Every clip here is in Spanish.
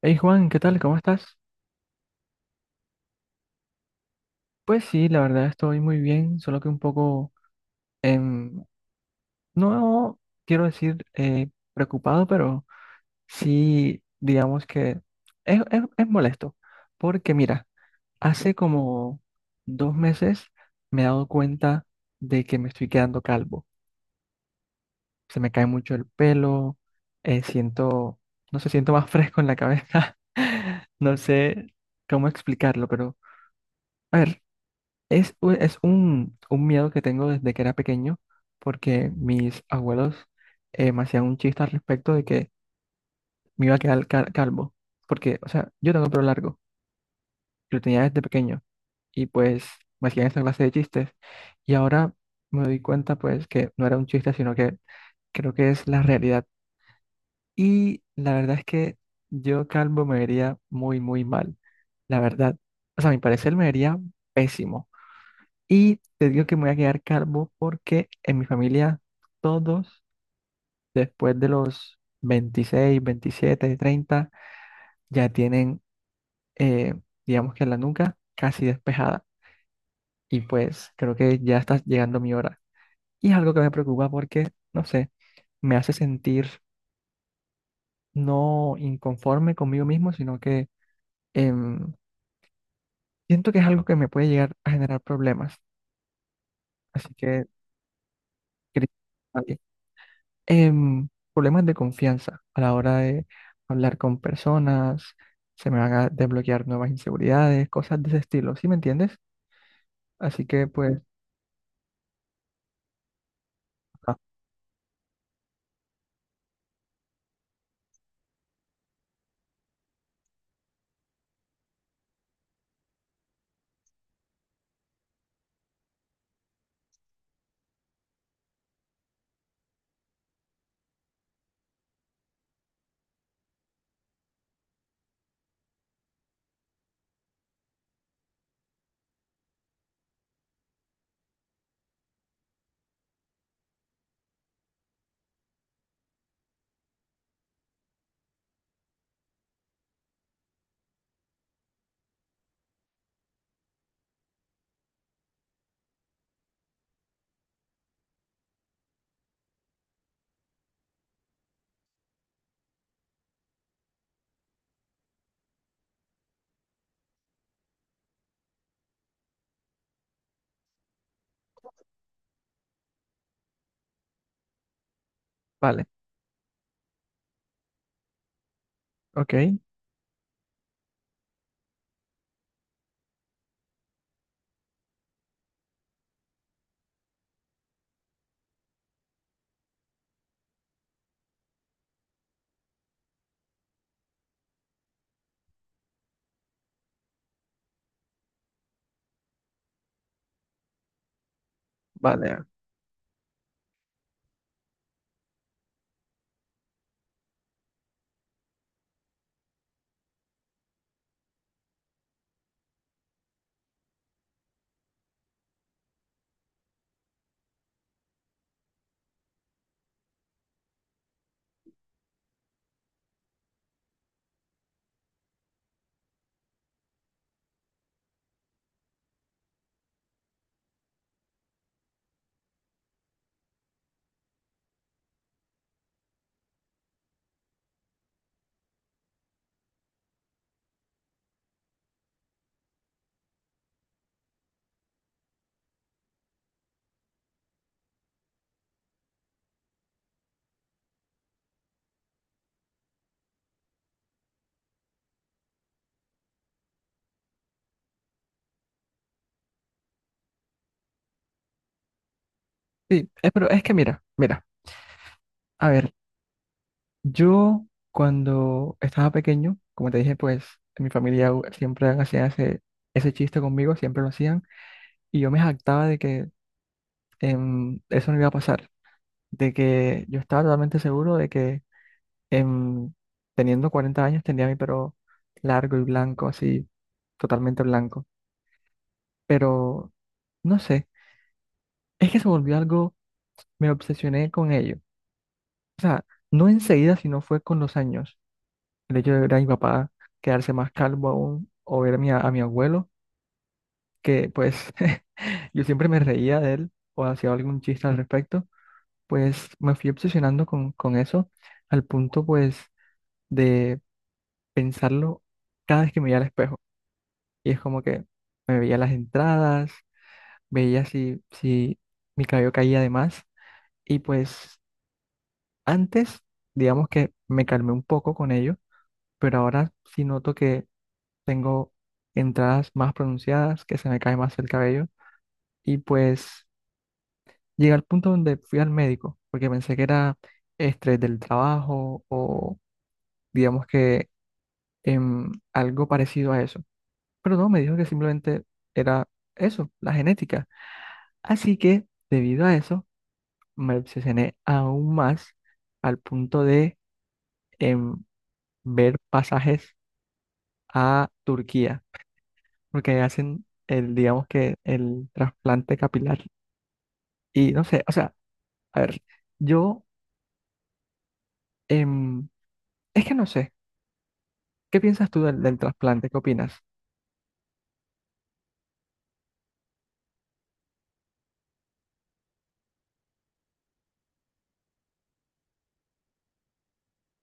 Hey Juan, ¿qué tal? ¿Cómo estás? Pues sí, la verdad estoy muy bien, solo que un poco, em, no quiero decir preocupado, pero sí, digamos que es molesto, porque mira, hace como 2 meses me he dado cuenta de que me estoy quedando calvo. Se me cae mucho el pelo, siento, no sé, siento más fresco en la cabeza. No sé cómo explicarlo, pero a ver. Es un miedo que tengo desde que era pequeño, porque mis abuelos me hacían un chiste al respecto de que me iba a quedar calvo, porque, o sea, yo tengo el pelo largo, y lo tenía desde pequeño, y pues me hacían esta clase de chistes, y ahora me doy cuenta pues que no era un chiste, sino que creo que es la realidad. Y la verdad es que yo calvo me vería muy, muy mal, la verdad. O sea, a mi parecer me vería pésimo. Y te digo que me voy a quedar calvo porque en mi familia todos después de los 26, 27, 30 ya tienen, eh, digamos que la nuca casi despejada. Y pues creo que ya está llegando mi hora. Y es algo que me preocupa porque, no sé, me hace sentir no inconforme conmigo mismo, sino que em, siento que es algo que me puede llegar a generar problemas. Así Cris, problemas de confianza a la hora de hablar con personas, se me van a desbloquear nuevas inseguridades, cosas de ese estilo, ¿sí me entiendes? Así que pues, ah, vale, ok, vale. Sí, pero es que mira, mira, a ver, yo cuando estaba pequeño, como te dije, pues en mi familia siempre hacían ese chiste conmigo, siempre lo hacían, y yo me jactaba de que eso no iba a pasar, de que yo estaba totalmente seguro de que Em, teniendo 40 años tenía mi pelo largo y blanco, así, totalmente blanco. Pero, no sé, es que se volvió algo, me obsesioné con ello. O sea, no enseguida, sino fue con los años. El hecho de ver a mi papá quedarse más calvo aún, o ver a a mi abuelo, que pues yo siempre me reía de él o hacía algún chiste al respecto, pues me fui obsesionando con eso al punto pues de pensarlo cada vez que me veía al espejo. Y es como que me veía las entradas, veía si mi cabello caía de más. Y pues antes, digamos que me calmé un poco con ello, pero ahora sí noto que tengo entradas más pronunciadas, que se me cae más el cabello. Y pues llegué al punto donde fui al médico, porque pensé que era estrés del trabajo o digamos que algo parecido a eso. Pero no, me dijo que simplemente era eso, la genética. Así que, debido a eso, me obsesioné aún más al punto de em, ver pasajes a Turquía, porque hacen el, digamos que el trasplante capilar. Y no sé, o sea, a ver, yo, em, es que no sé, ¿qué piensas tú del trasplante? ¿Qué opinas?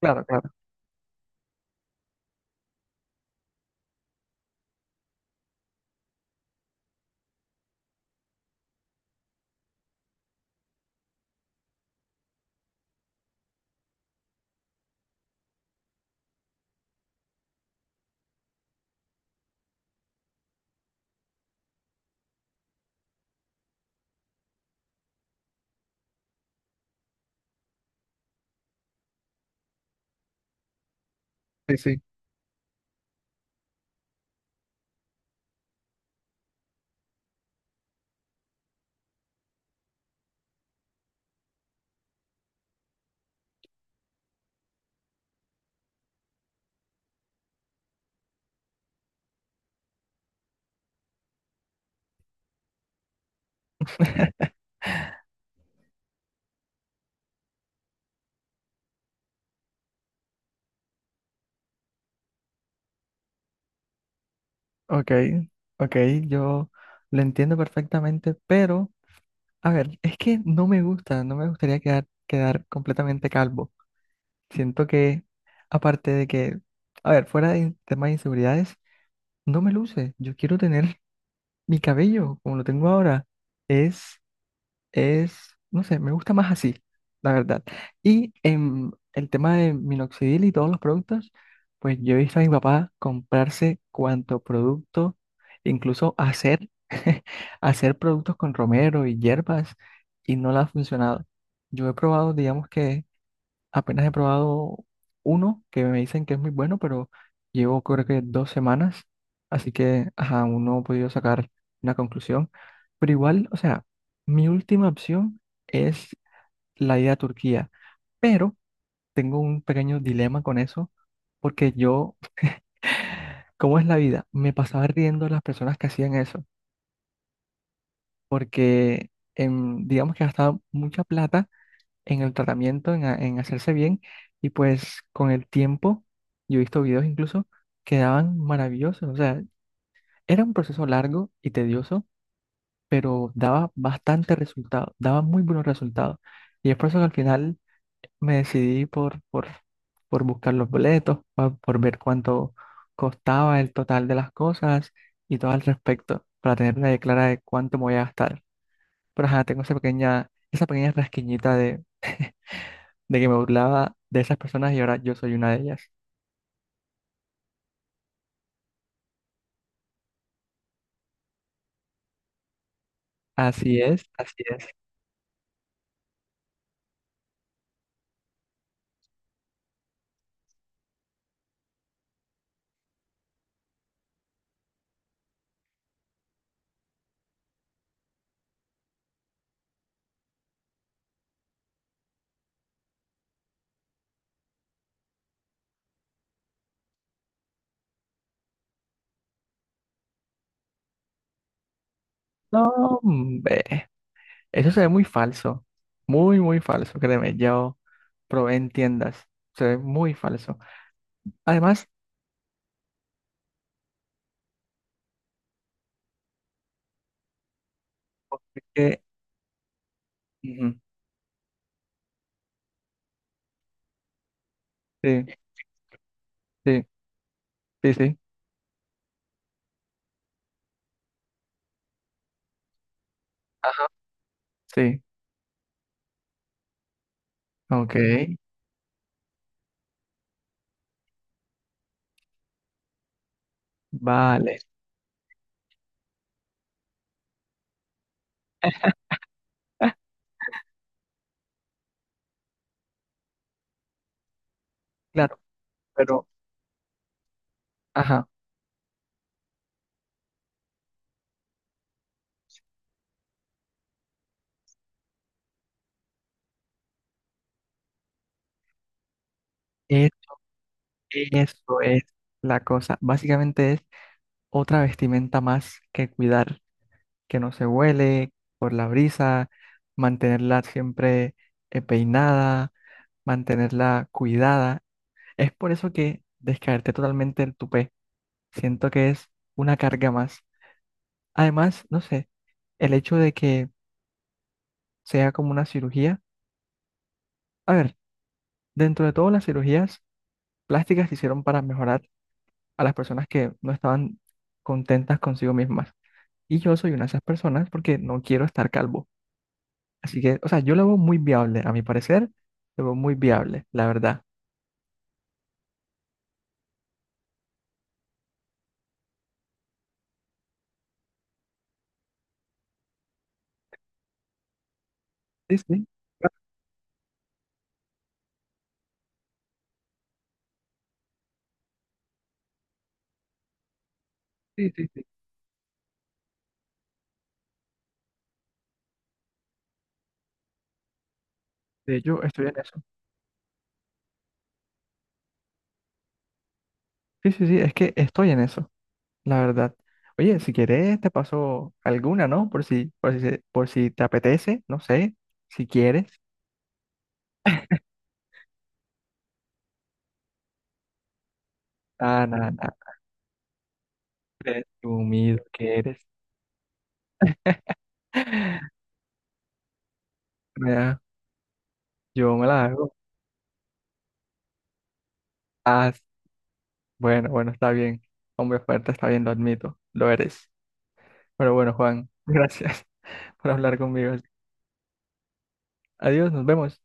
Claro, claro, sí, sí. Ok, ok, yo lo entiendo perfectamente, pero... A ver, es que no me gusta, no me gustaría quedar, completamente calvo. Siento que, aparte de que, a ver, fuera de temas de inseguridades, no me luce. Yo quiero tener mi cabello como lo tengo ahora. Es no sé, me gusta más así, la verdad. Y en el tema de minoxidil y todos los productos, pues yo he visto a mi papá comprarse cuanto producto, incluso hacer, hacer productos con romero y hierbas y no le ha funcionado. Yo he probado, digamos que apenas he probado uno que me dicen que es muy bueno, pero llevo creo que 2 semanas, así que ajá, aún no he podido sacar una conclusión. Pero igual, o sea, mi última opción es la ida a Turquía, pero tengo un pequeño dilema con eso, porque yo, ¿cómo es la vida? Me pasaba riendo de las personas que hacían eso, porque digamos que gastaba mucha plata en el tratamiento, en hacerse bien. Y pues con el tiempo, yo he visto videos incluso, quedaban maravillosos. O sea, era un proceso largo y tedioso, pero daba bastante resultado, daba muy buenos resultados. Y es por eso que al final me decidí por buscar los boletos, por ver cuánto costaba el total de las cosas y todo al respecto, para tener una idea clara de cuánto me voy a gastar. Pero ajá, tengo esa pequeña rasquiñita de que me burlaba de esas personas y ahora yo soy una de ellas. Así es, así es. No, hombre, eso se ve muy falso, muy, muy falso, créeme, yo probé en tiendas, se ve muy falso. Además, que... ujú, sí, sí, sí, sí, ajá, sí, ok, vale, claro, pero, ajá, es- eso es la cosa, básicamente es otra vestimenta más que cuidar. Que no se huele por la brisa, mantenerla siempre peinada, mantenerla cuidada. Es por eso que descaerte totalmente el tupé, siento que es una carga más. Además, no sé, el hecho de que sea como una cirugía, a ver, dentro de todas las cirugías plásticas se hicieron para mejorar a las personas que no estaban contentas consigo mismas. Y yo soy una de esas personas porque no quiero estar calvo. Así que, o sea, yo lo veo muy viable, a mi parecer, lo veo muy viable, la verdad. Sí, sí, ah, sí, sí, sí. De hecho, estoy en eso. Sí, sí, sí, es que estoy en eso, la verdad. Oye, si quieres, te paso alguna, ¿no? Por si te apetece, no sé, si quieres. Ah, nada, nada. Presumido que eres. Mira, yo me la hago. Ah, bueno, bueno, está bien. Hombre fuerte, está bien, lo admito, lo eres. Pero bueno, Juan, gracias por hablar conmigo. Adiós, nos vemos.